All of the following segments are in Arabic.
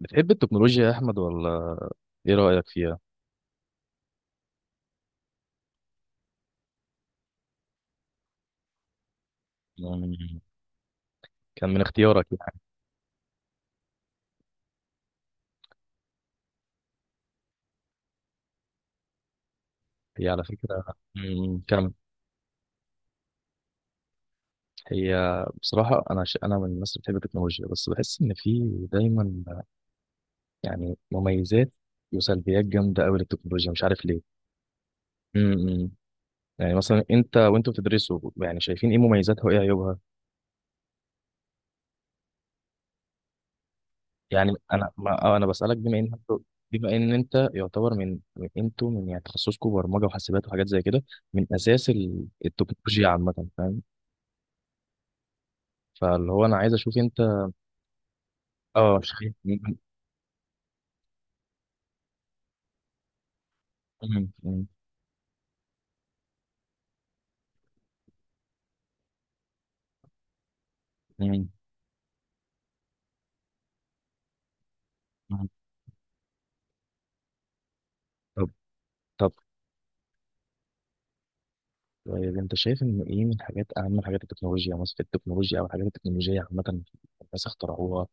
بتحب التكنولوجيا يا أحمد ولا إيه رأيك فيها؟ مم، كان من اختيارك يعني. هي على فكرة مم، كان. هي بصراحة أنا من الناس اللي بتحب التكنولوجيا بس بحس إن في دايما يعني مميزات وسلبيات جامدة أوي للتكنولوجيا، مش عارف ليه. مم. يعني مثلا أنت وأنتوا بتدرسوا، يعني شايفين إيه مميزاتها وإيه عيوبها؟ يعني أنا ما... آه، أنا بسألك بما إن أنت يعتبر أنتوا من يعني تخصصكم برمجة وحاسبات وحاجات زي كده، من أساس التكنولوجيا عامة، فاهم؟ فاللي هو انا عايز اشوف انت. اه شايف م- م- م- م- م- طب طب طيب انت شايف ان ايه من حاجات، اهم حاجات التكنولوجيا، مثلا في التكنولوجيا او الحاجات التكنولوجيه عامه، الناس اخترعوها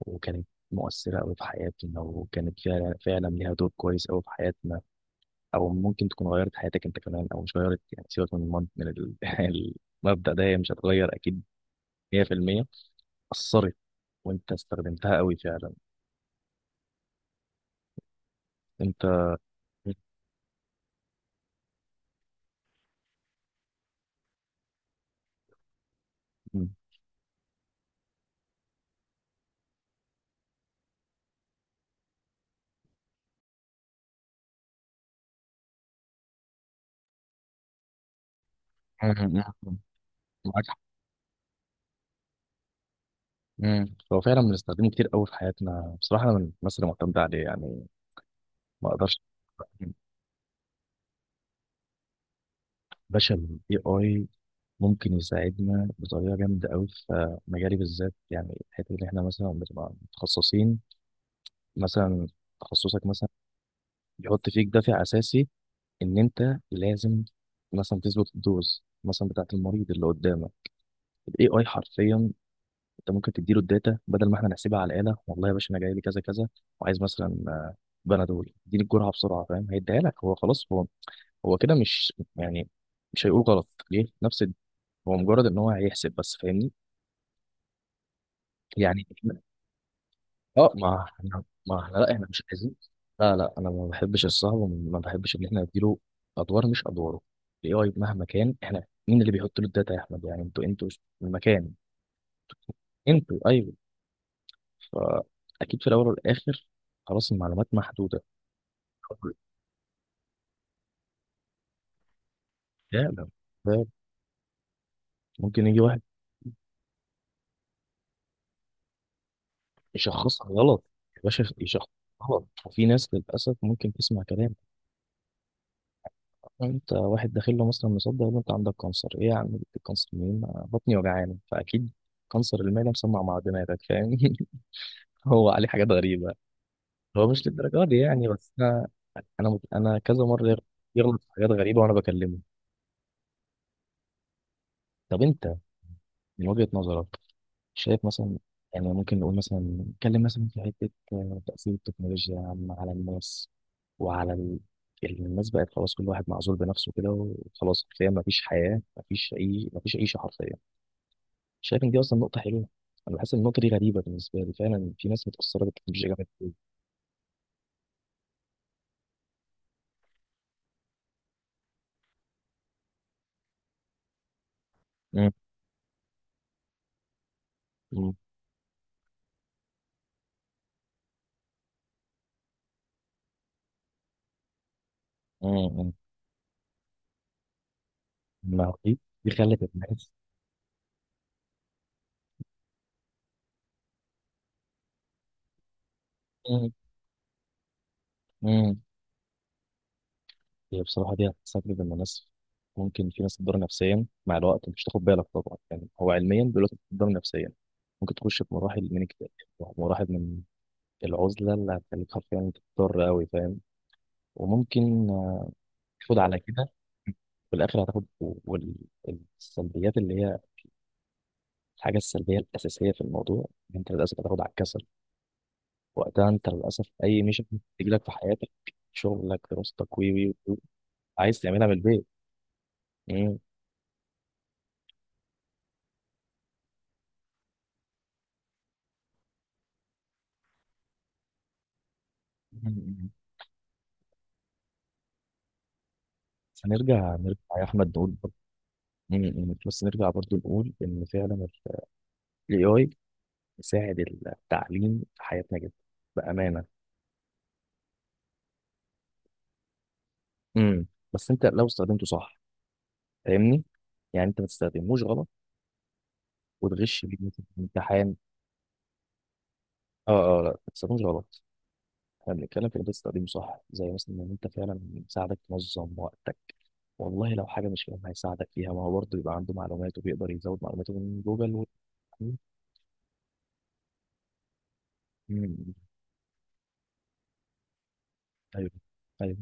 وكانت مؤثره قوي في حياتنا، وكانت فعلا فعلا ليها دور كويس قوي في حياتنا، او ممكن تكون غيرت حياتك انت كمان او مش غيرت. يعني سيبك من المبدا ده، هي مش هتغير اكيد 100%، اثرت وانت استخدمتها قوي فعلا انت. م- م- م- م- م- امم، هو فعلا بنستخدمه كتير قوي في حياتنا بصراحه، انا من الناس اللي معتمده عليه، يعني ما اقدرش. باشا الاي اي ممكن يساعدنا بطريقه جامده قوي في مجالي بالذات، يعني الحته اللي احنا مثلا بنبقى متخصصين. مثلا تخصصك مثلا بيحط فيك دافع اساسي ان انت لازم مثلا تظبط الدوز مثلا بتاعت المريض اللي قدامك. الاي اي حرفيا انت ممكن تديله الداتا بدل ما احنا نحسبها على الآلة. والله يا باشا، انا جاي لي كذا كذا وعايز مثلا آه، بنادول، اديني الجرعة بسرعة، فاهم؟ هيديها لك هو، خلاص. هو هو كده مش يعني مش هيقول غلط ليه، نفس هو مجرد ان هو هيحسب بس، فاهمني؟ يعني إحنا- اه ما احنا ما احنا لا احنا مش عايزين، لا لا، انا ما بحبش الصعب، وما بحبش ان احنا نديله ادوار، مش ادواره. الاي اي مهما كان، احنا مين اللي بيحط له الداتا يا احمد؟ يعني انتوا المكان، انتوا، ايوه. فاكيد في الاول والاخر خلاص، المعلومات محدوده. فعلا فعلا. ممكن يجي واحد يشخصها غلط، يا باشا يشخصها غلط، وفي ناس للأسف ممكن تسمع كلام: "أه، أنت واحد داخل له مثلا مصدق إن أنت عندك كانسر، إيه يا عم جبت الكانسر منين؟ أنا بطني وجعانة فأكيد كانسر المعدة"، مسمع مع دماغك فاهم. هو عليه حاجات غريبة. هو مش للدرجة دي يعني، بس أنا أنا كذا مرة يغلط في حاجات غريبة وأنا بكلمه. طب أنت من وجهة نظرك شايف مثلا، يعني ممكن نقول مثلا نتكلم مثلا في حتة آه، تأثير التكنولوجيا على الناس وعلى الناس، بقت خلاص كل واحد معزول بنفسه كده وخلاص، حرفيا ما فيش حياة، ما فيش أي، ما فيش عيشة حرفيا. شايف إن دي أصلا نقطة حلوة؟ أنا بحس إن النقطة دي غريبة بالنسبة لي، فعلا في ناس متأثرة بالتكنولوجيا جامد أوي. مم. مم. مم. ما هو دي، دي خلت الناس. مم. مم. هي بصراحة دي هتستغرب من الناس، ممكن في ناس تضر نفسيا مع الوقت مش تاخد بالك، طبعا يعني هو علميا دلوقتي بتضر نفسيا، ممكن تخش في مراحل من اكتئاب، مراحل من العزلة، اللي هتخليك حرفيا تضطر أوي فاهم، وممكن آه، تاخد على كده في الآخر. هتاخد والسلبيات اللي هي الحاجة السلبية الأساسية في الموضوع، إن أنت للأسف هتاخد على الكسل، وقتها أنت للأسف أي ميشن تجيلك في حياتك، شغلك، دراستك، وي وي وي، عايز تعملها من البيت. مم. نرجع يا احمد نقول برضه، يعني يعني بس نرجع برضو نقول ان فعلا الاي اي بيساعد التعليم في حياتنا جدا بامانه. امم، بس انت لو استخدمته صح فاهمني، يعني انت ما تستخدموش غلط وتغش بيه مثلا في الامتحان. اه اه، لا ما تستخدموش غلط، احنا بنتكلم في ان انت تستخدمه صح، زي مثلا ان انت فعلا يساعدك تنظم وقتك، والله لو حاجه مش فاهمها هيساعدك فيها، ما هو برضه يبقى عنده معلومات وبيقدر يزود معلوماته من جوجل و... مم. ايوه ايوه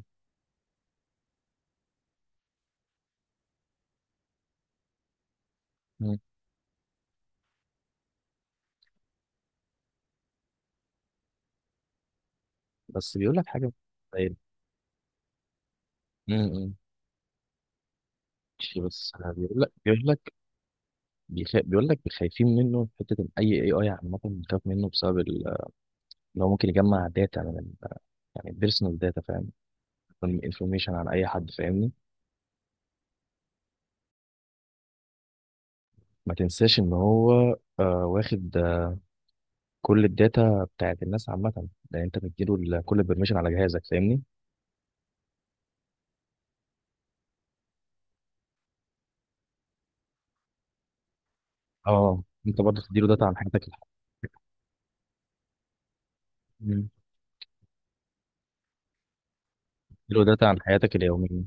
بس بيقول لك حاجه. طيب امم، ماشي بس أنا بيقول لك بيقول لك خايفين منه في حته، ان اي اي، اي عامه بنخاف منه بسبب ان هو ممكن يجمع داتا من يعني بيرسونال داتا فاهم، انفورميشن عن اي حد فاهمني. ما تنساش ان هو آه، واخد آه، كل الداتا بتاعت الناس عامه، ده انت بتديله كل البرميشن على جهازك فاهمني. اه انت برضه بتديله داتا عن حياتك مم. بتديله داتا عن حياتك اليوميه.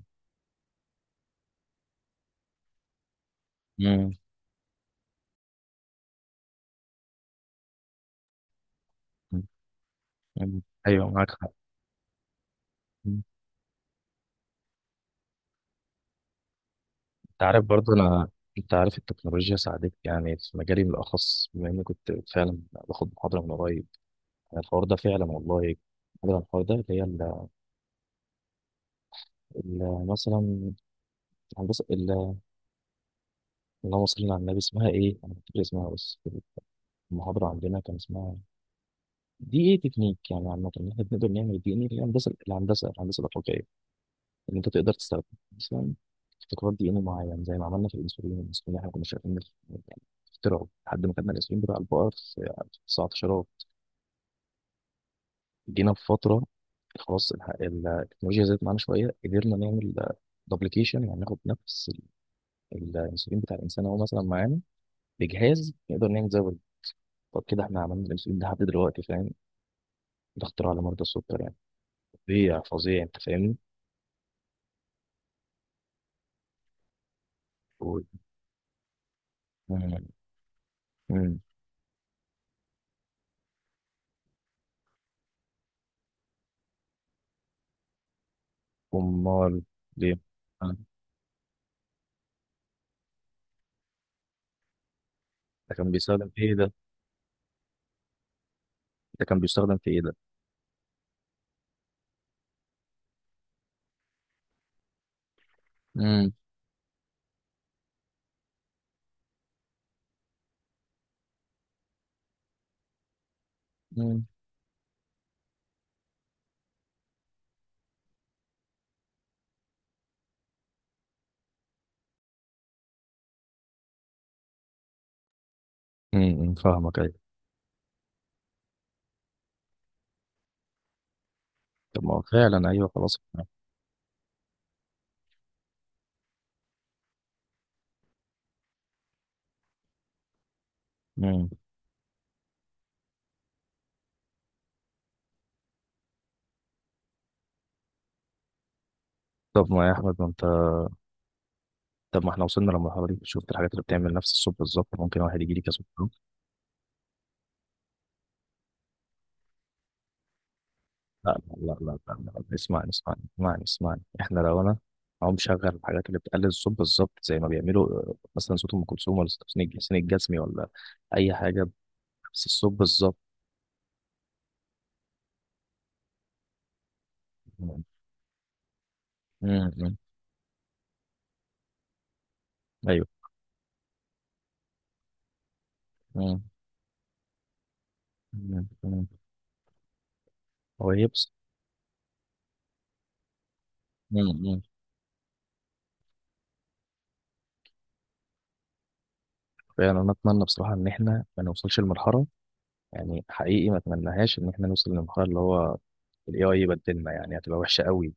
امم، ايوه معاك حق. انت عارف برضه انت عارف التكنولوجيا ساعدتني يعني في مجالي بالاخص، بما اني كنت فعلا باخد محاضره من قريب. يعني الحوار ده فعلا والله، محاضره عن الحوار ده، اللي هي مثلا هندسه اللهم صل على النبي، اسمها ايه؟ انا مش فاكر اسمها بس. المحاضره عندنا كان اسمها دي، ايه تكنيك يعني عامه ان احنا بنقدر نعمل دي، ان ايه الهندسه الاخلاقيه، ان انت تقدر تستخدم مثلا ابتكارات دي ان ايه معين، زي ما عملنا في الانسولين. الانسولين احنا كنا شايفين إنه يعني اخترعه لحد ما كنا، الانسولين بتاع البقر في 19، جينا في فتره خلاص التكنولوجيا زادت معانا شويه، قدرنا نعمل دوبليكيشن، يعني ناخد نفس الانسولين بتاع الانسان هو مثلا معانا، بجهاز نقدر نعمل زيه. طب كده احنا عملنا الانسولين ده لحد دلوقتي فاهم، ده اختراع لمرضى السكر يعني، فظيع فظيع انت فاهمني. و- مم. مم. امال ليه، آه. ده كان بيستخدم في ايه ده؟ ده كان بيستخدم في ايه ده؟ مم. مم. مم. فاهمك ايوه. طب ما هو فعلا ايوه خلاص. مم. طب ما يا احمد ما انت، طب ما احنا وصلنا للمرحله دي، شفت الحاجات اللي بتعمل نفس الصوت بالظبط، ممكن واحد يجي لي كسكر. لا لا لا لا لا لا اسمعني اسمعني اسمعني اسمعني، احنا لو انا اهو مشغل الحاجات اللي بتقلل الصوت بالظبط، زي ما بيعملوا آه، مثلا صوت ام كلثوم ولا صوت حسين الجسمي ولا اي حاجه، بس الصوت بالظبط. مم، مم، ايوه، مم، مم، مم. هو يبس، فعلا انا اتمنى بصراحه ان احنا ما نوصلش لمرحله، يعني حقيقي ما اتمناهاش ان احنا نوصل لمرحله اللي هو الاي اي يبدلنا، يعني هتبقى وحشه قوي